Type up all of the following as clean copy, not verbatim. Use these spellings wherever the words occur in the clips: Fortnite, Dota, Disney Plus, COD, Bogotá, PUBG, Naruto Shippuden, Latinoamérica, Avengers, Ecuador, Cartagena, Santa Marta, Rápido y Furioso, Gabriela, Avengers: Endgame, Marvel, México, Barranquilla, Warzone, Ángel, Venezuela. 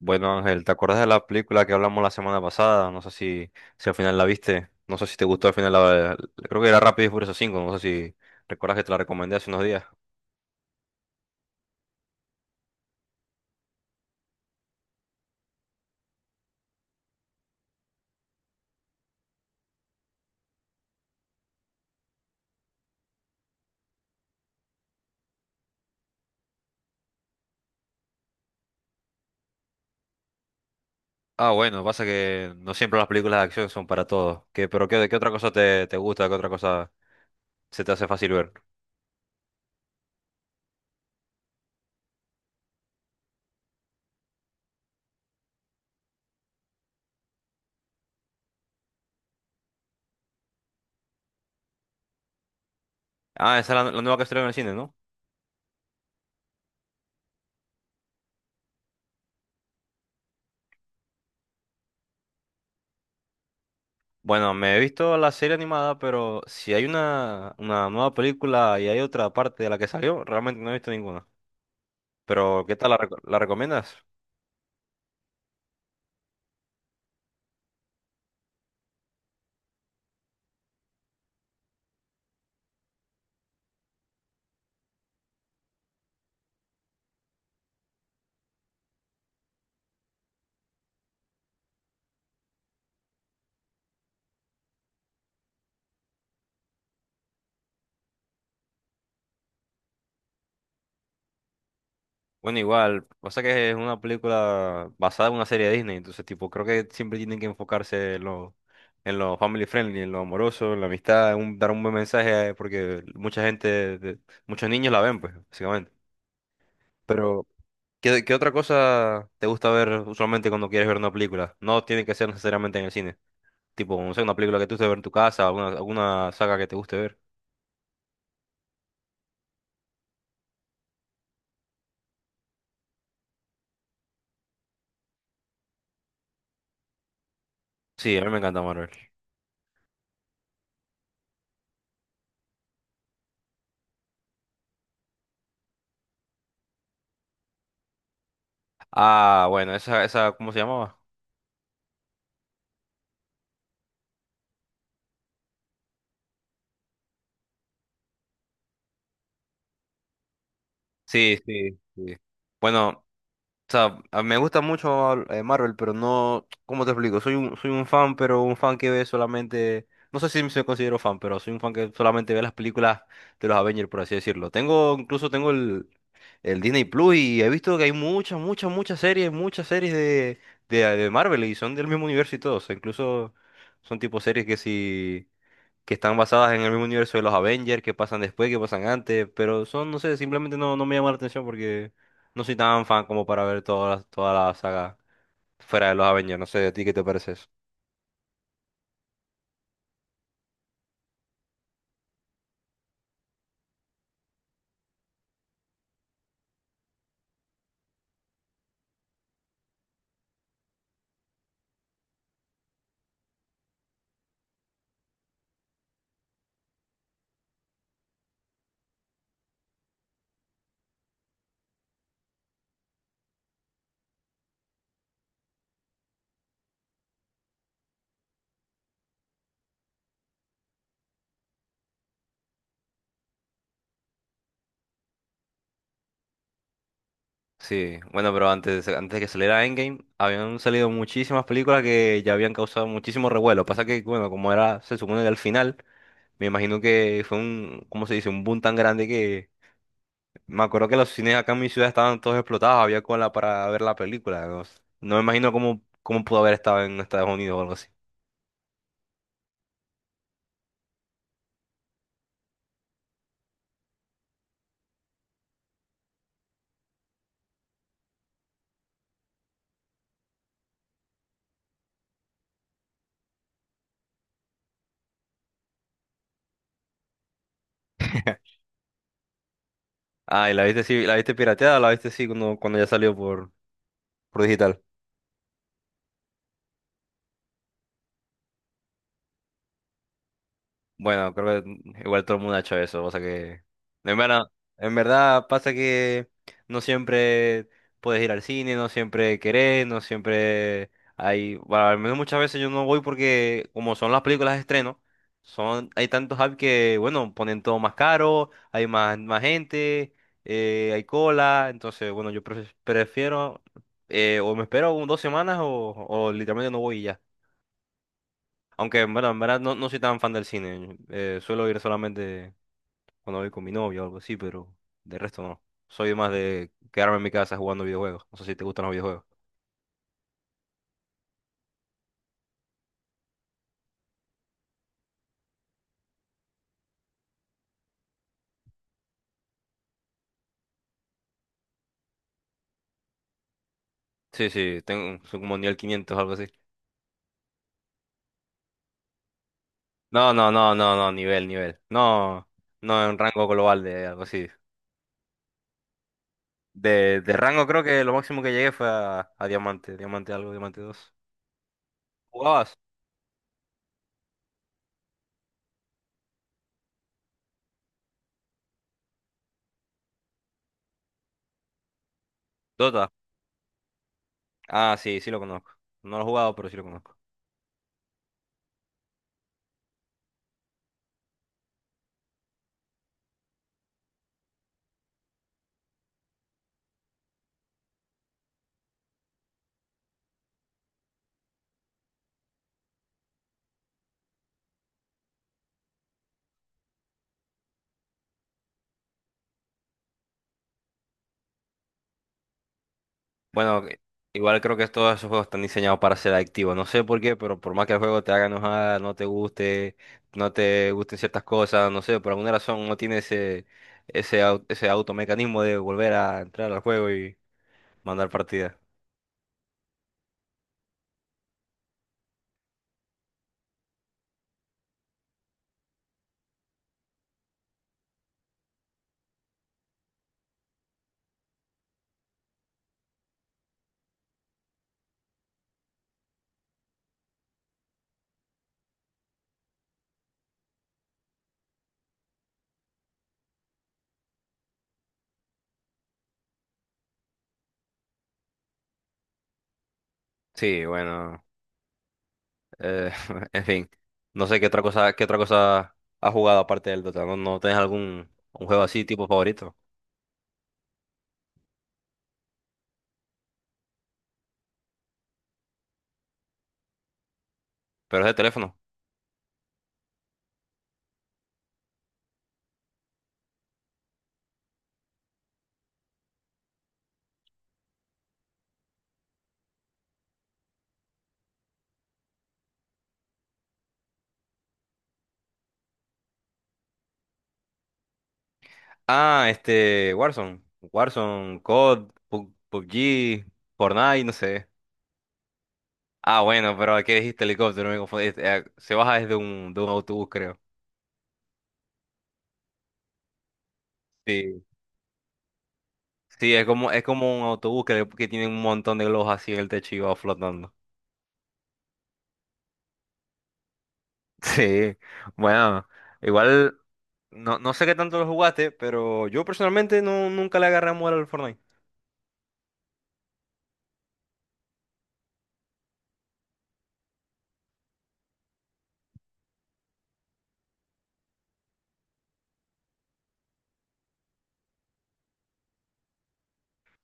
Bueno, Ángel, ¿te acuerdas de la película que hablamos la semana pasada? No sé si al final la viste. No sé si te gustó al final la... Creo que era Rápido y Furioso cinco. No sé si recuerdas que te la recomendé hace unos días. Ah, bueno, pasa que no siempre las películas de acción son para todos. ¿Qué, pero qué, qué otra cosa te gusta? ¿Qué otra cosa se te hace fácil ver? Ah, esa es la nueva que estrenó en el cine, ¿no? Bueno, me he visto la serie animada, pero si hay una nueva película y hay otra parte de la que salió, realmente no he visto ninguna. Pero, ¿qué tal la, la recomiendas? Bueno, igual, pasa que es una película basada en una serie de Disney, entonces tipo, creo que siempre tienen que enfocarse en lo family friendly, en lo amoroso, en la amistad, dar un buen mensaje, porque mucha gente, muchos niños la ven, pues, básicamente. Pero, ¿qué, qué otra cosa te gusta ver usualmente cuando quieres ver una película? No tiene que ser necesariamente en el cine. Tipo, no sé, una película que tú te guste ver en tu casa, alguna saga que te guste ver. Sí, a mí me encanta Marvel. Ah, bueno, esa, ¿cómo se llamaba? Sí, sí, sí. Bueno. O sea, me gusta mucho Marvel, pero no, ¿cómo te explico? Soy un fan, pero un fan que ve solamente, no sé si me considero fan, pero soy un fan que solamente ve las películas de los Avengers, por así decirlo. Tengo, incluso tengo el Disney Plus y he visto que hay muchas, muchas, muchas series de Marvel y son del mismo universo y todo. O sea, incluso son tipo series que si que están basadas en el mismo universo de los Avengers, que pasan después, que pasan antes, pero son, no sé, simplemente no, no me llama la atención porque no soy tan fan como para ver toda la toda la saga fuera de los Avengers, no sé, ¿a ti qué te parece eso? Sí, bueno, pero antes, antes de que saliera Endgame, habían salido muchísimas películas que ya habían causado muchísimo revuelo. Pasa que, bueno, como era, se supone que al final, me imagino que fue un, ¿cómo se dice? Un boom tan grande que me acuerdo que los cines acá en mi ciudad estaban todos explotados, había cola para ver la película. No, no me imagino cómo, cómo pudo haber estado en Estados Unidos o algo así. Ah, y la viste sí, la viste pirateada, o la viste sí cuando, cuando ya salió por digital. Bueno, creo que igual todo el mundo ha hecho eso, o sea que en verdad, en verdad pasa que no siempre puedes ir al cine, no siempre querés, no siempre hay, bueno, al menos muchas veces yo no voy porque como son las películas de estreno, son, hay tantos apps que, bueno, ponen todo más caro, hay más, más gente, hay cola, entonces, bueno, yo prefiero, o me espero dos semanas o literalmente no voy y ya. Aunque, bueno, en verdad no, no soy tan fan del cine. Suelo ir solamente cuando voy con mi novia o algo así, pero de resto no. Soy más de quedarme en mi casa jugando videojuegos. No sé si te gustan los videojuegos. Sí, sí, tengo soy como nivel 500 o algo así. No, no, no, no, no, nivel, nivel. No, no en rango global de algo así. De rango creo que lo máximo que llegué fue a diamante, diamante algo, diamante 2. ¿Jugabas? Dota. Ah, sí, sí lo conozco. No lo he jugado, pero sí lo conozco. Bueno, igual creo que todos esos juegos están diseñados para ser adictivos. No sé por qué, pero por más que el juego te haga enojar, no te guste, no te gusten ciertas cosas, no sé, por alguna razón no tiene ese, ese, ese automecanismo de volver a entrar al juego y mandar partidas. Sí, bueno, eh, en fin, no sé qué otra cosa has jugado aparte del Dota. ¿No, no tienes algún un juego así tipo favorito? Pero es de teléfono. Ah, este, Warzone, Warzone, COD, PUBG, Fortnite, no sé. Ah, bueno, pero aquí dijiste helicóptero, me confundí. Este, se baja desde un, de un autobús, creo. Sí. Sí, es como un autobús que tiene un montón de globos así en el techo y va flotando. Sí, bueno, igual no, no sé qué tanto lo jugaste, pero yo personalmente no, nunca le agarré amor al Fortnite.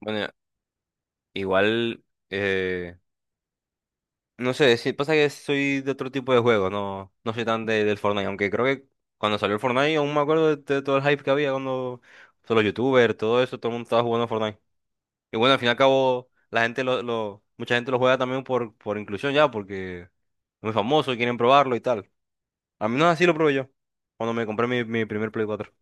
Bueno, igual, eh, no sé, sí, pasa que soy de otro tipo de juego, no, no soy tan de, del Fortnite, aunque creo que cuando salió el Fortnite aún me acuerdo de todo el hype que había cuando todos los youtubers, todo eso, todo el mundo estaba jugando Fortnite. Y bueno, al fin y al cabo, la gente lo, mucha gente lo juega también por inclusión ya, porque es muy famoso y quieren probarlo y tal. A mí no así lo probé yo, cuando me compré mi, mi primer Play cuatro.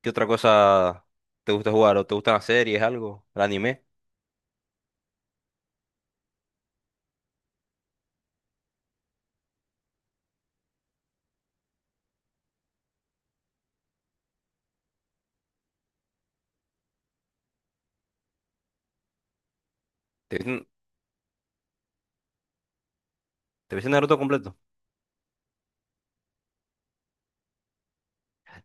¿Qué otra cosa te gusta jugar? ¿O te gustan las series, algo? ¿El anime? ¿Te viste, te viste Naruto completo?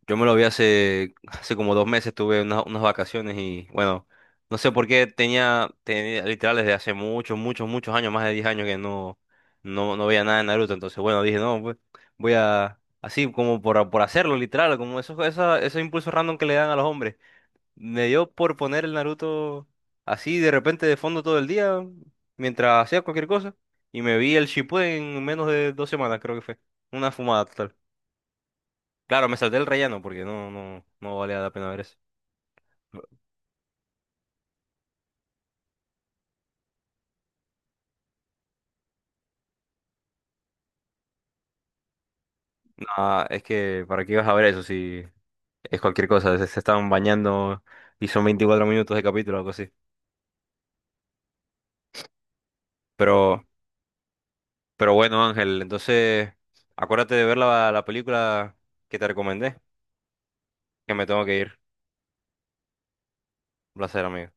Yo me lo vi hace, hace como dos meses, tuve unas, unas vacaciones y bueno, no sé por qué tenía, tenía literal desde hace muchos, muchos, muchos años, más de 10 años que no, no, no veía nada de Naruto. Entonces, bueno, dije, no, pues voy a, así como por hacerlo, literal, como esos, esa, esos impulsos random que le dan a los hombres. Me dio por poner el Naruto así de repente de fondo todo el día, mientras hacía cualquier cosa, y me vi el Shippuden en menos de dos semanas, creo que fue. Una fumada total. Claro, me salté el relleno porque no, no, no valía la pena ver eso. Ah, es que, ¿para qué ibas a ver eso si es cualquier cosa? Se estaban bañando y son 24 minutos de capítulo o algo así. Pero, pero bueno, Ángel, entonces acuérdate de ver la, la película que te recomendé, que me tengo que ir. Un placer, amigo.